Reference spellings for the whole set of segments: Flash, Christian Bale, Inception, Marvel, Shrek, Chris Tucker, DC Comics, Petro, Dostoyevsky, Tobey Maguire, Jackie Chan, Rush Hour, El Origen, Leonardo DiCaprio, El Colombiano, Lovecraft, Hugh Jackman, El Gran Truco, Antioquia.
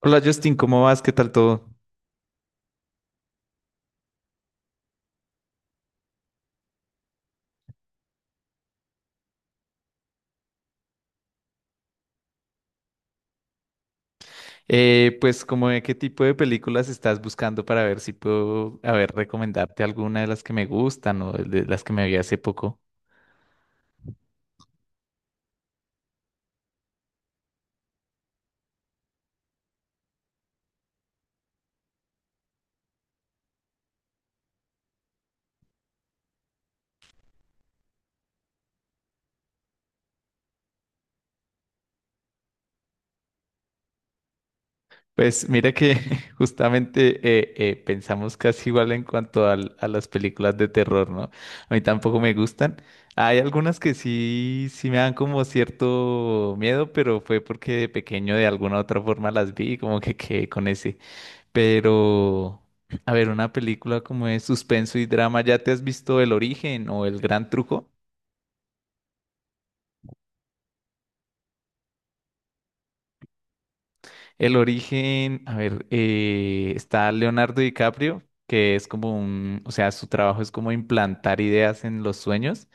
Hola Justin, ¿cómo vas? ¿Qué tal todo? Pues como de qué tipo de películas estás buscando para ver si puedo, a ver, recomendarte alguna de las que me gustan o de las que me vi hace poco. Pues mira que justamente pensamos casi igual en cuanto a las películas de terror, ¿no? A mí tampoco me gustan. Hay algunas que sí, sí me dan como cierto miedo, pero fue porque de pequeño de alguna u otra forma las vi y como que quedé con ese. Pero, a ver, una película como de suspenso y drama, ¿ya te has visto El Origen o El Gran Truco? El Origen, a ver, está Leonardo DiCaprio, que es como un, o sea, su trabajo es como implantar ideas en los sueños.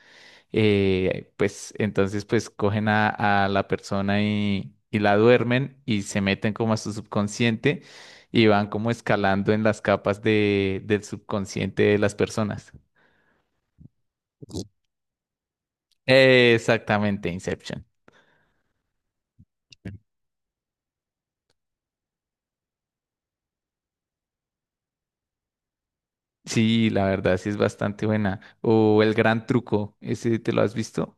Pues entonces, pues cogen a la persona y la duermen y se meten como a su subconsciente y van como escalando en las capas del subconsciente de las personas. Exactamente, Inception. Sí, la verdad sí es bastante buena. O El Gran Truco, ¿ese te lo has visto?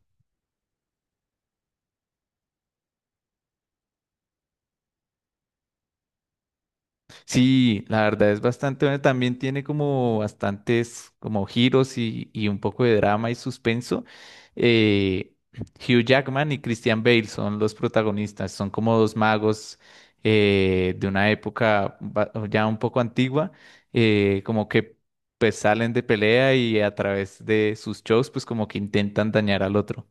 Sí, la verdad es bastante buena. También tiene como bastantes como giros y un poco de drama y suspenso. Eh, Hugh Jackman y Christian Bale son los protagonistas. Son como dos magos de una época ya un poco antigua, como que pues salen de pelea y a través de sus shows pues como que intentan dañar al otro.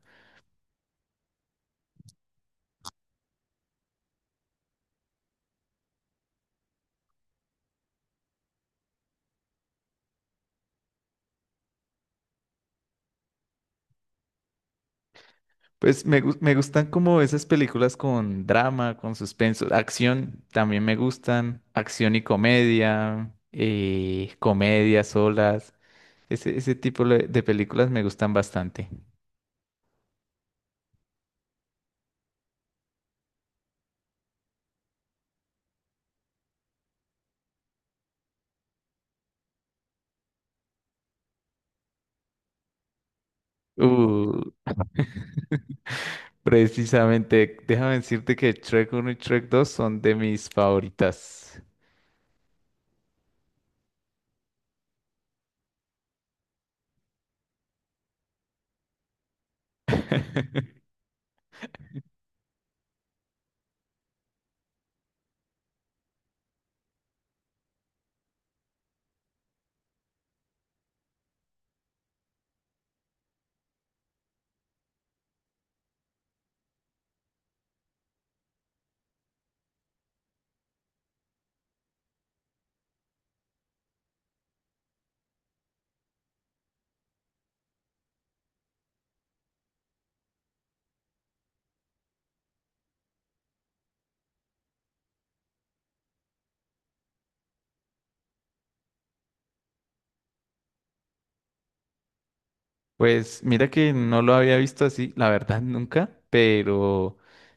Pues me gustan como esas películas con drama, con suspenso, acción, también me gustan, acción y comedia, comedia solas, ese tipo de películas me gustan bastante. Uh, precisamente, déjame decirte que Shrek uno y Shrek dos son de mis favoritas. Pues mira que no lo había visto así, la verdad nunca, pero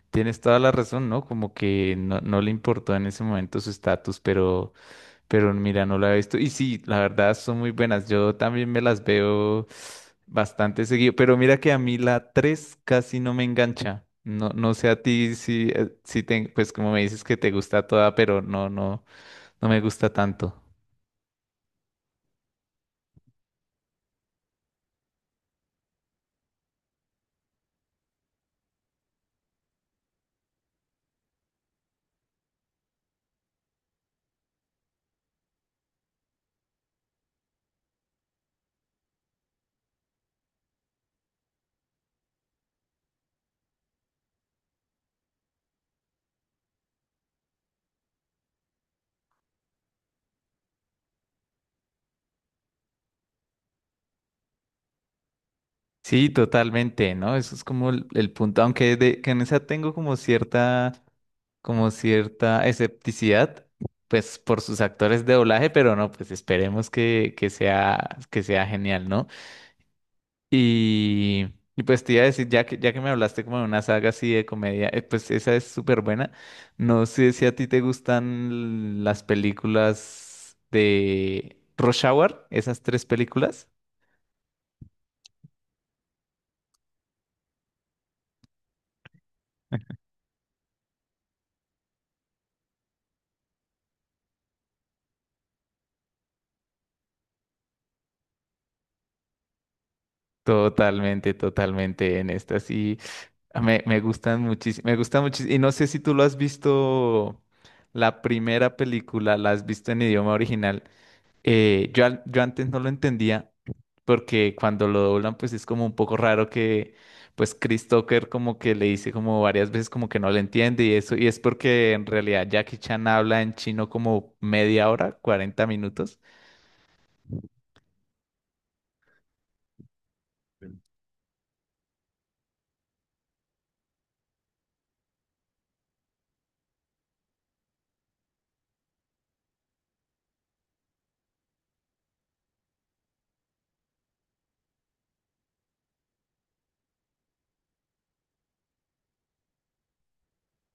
tienes toda la razón, ¿no? Como que no, no le importó en ese momento su estatus, pero mira, no lo había visto. Y sí, la verdad son muy buenas. Yo también me las veo bastante seguido, pero mira que a mí la 3 casi no me engancha. No, no sé a ti si, si te, pues como me dices que te gusta toda, pero no, no, no me gusta tanto. Sí, totalmente, ¿no? Eso es como el punto, aunque de, que en esa tengo como cierta escepticidad, pues por sus actores de doblaje, pero no, pues esperemos que sea genial, ¿no? Y, y pues te iba a decir, ya que me hablaste como de una saga así de comedia, pues esa es súper buena. No sé si a ti te gustan las películas de Rush Hour, esas tres películas. Totalmente, totalmente en estas. Me gustan muchísimo, me gustan muchísimo. Y no sé si tú lo has visto, la primera película, la has visto en idioma original. Yo antes no lo entendía, porque cuando lo doblan, pues es como un poco raro que, pues Chris Tucker como que le dice como varias veces como que no le entiende y eso, y es porque en realidad Jackie Chan habla en chino como media hora, 40 minutos.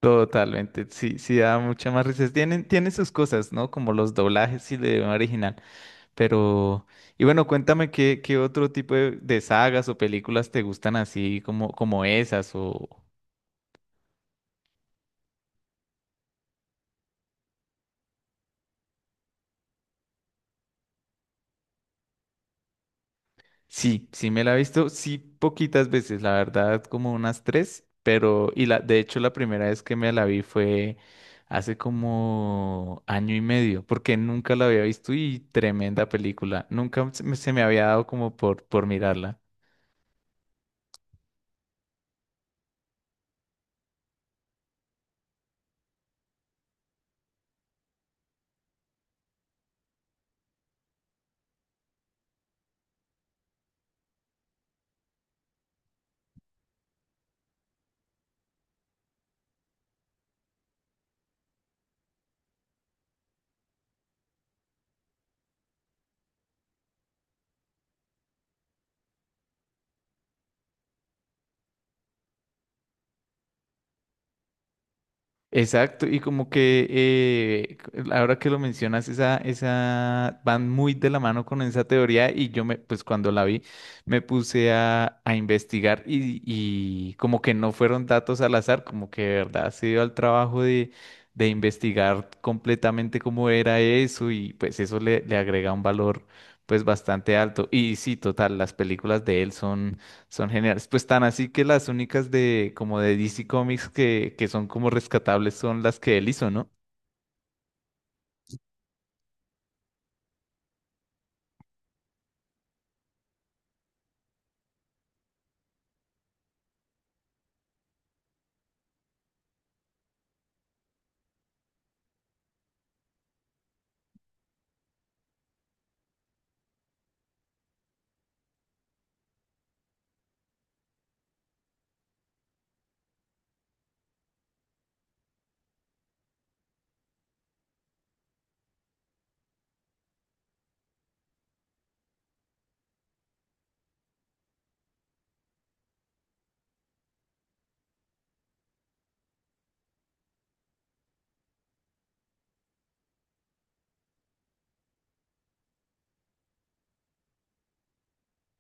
Totalmente, sí, sí da mucha más risa. Tienen, tienen sus cosas, ¿no? Como los doblajes y el idioma original. Pero, y bueno, cuéntame qué, qué otro tipo de sagas o películas te gustan así como, como esas o... Sí, sí me la he visto, sí poquitas veces, la verdad, como unas tres, pero, y la, de hecho la primera vez que me la vi fue hace como año y medio, porque nunca la había visto y tremenda película, nunca se me había dado como por mirarla. Exacto, y como que ahora que lo mencionas, esa van muy de la mano con esa teoría y yo me, pues cuando la vi, me puse a investigar y como que no fueron datos al azar, como que de verdad se dio al trabajo de investigar completamente cómo era eso y pues eso le, le agrega un valor pues bastante alto. Y sí, total, las películas de él son son geniales. Pues tan así que las únicas de como de DC Comics que son como rescatables son las que él hizo, ¿no?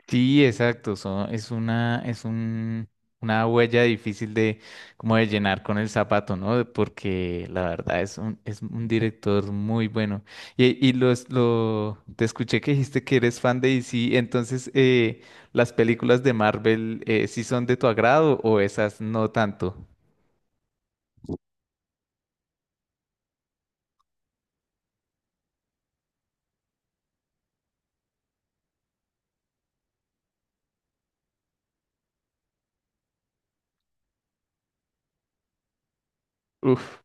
Sí, exacto. Son, es una, es un, una huella difícil de como de llenar con el zapato, ¿no? Porque la verdad es un director muy bueno. Te escuché que dijiste que eres fan de DC, entonces ¿las películas de Marvel sí son de tu agrado o esas no tanto? Uf.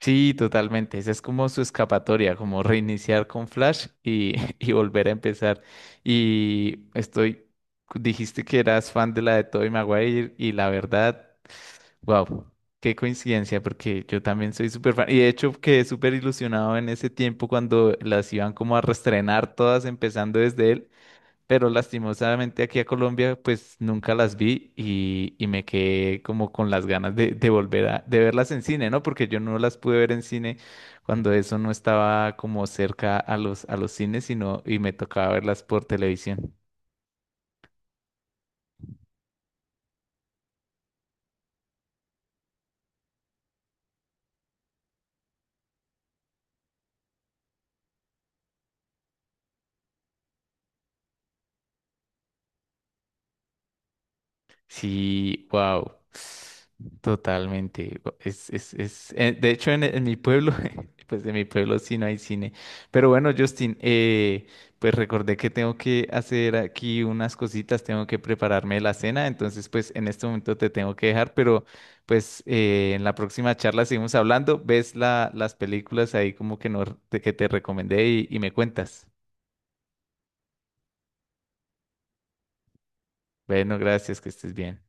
Sí, totalmente. Esa es como su escapatoria, como reiniciar con Flash y, y volver a empezar. Y estoy, dijiste que eras fan de la de Tobey Maguire y la verdad, wow, qué coincidencia, porque yo también soy súper fan. Y de hecho quedé súper ilusionado en ese tiempo cuando las iban como a reestrenar todas, empezando desde él, pero lastimosamente aquí a Colombia pues nunca las vi y me quedé como con las ganas de volver a de verlas en cine, ¿no? Porque yo no las pude ver en cine cuando eso no estaba como cerca a los cines, sino y me tocaba verlas por televisión. Sí, wow. Totalmente. De hecho, en mi pueblo, pues de mi pueblo sí no hay cine. Pero bueno, Justin, pues recordé que tengo que hacer aquí unas cositas, tengo que prepararme la cena, entonces pues en este momento te tengo que dejar, pero pues en la próxima charla seguimos hablando, ves las películas ahí como que, no, que te recomendé y me cuentas. Bueno, gracias, que estés bien.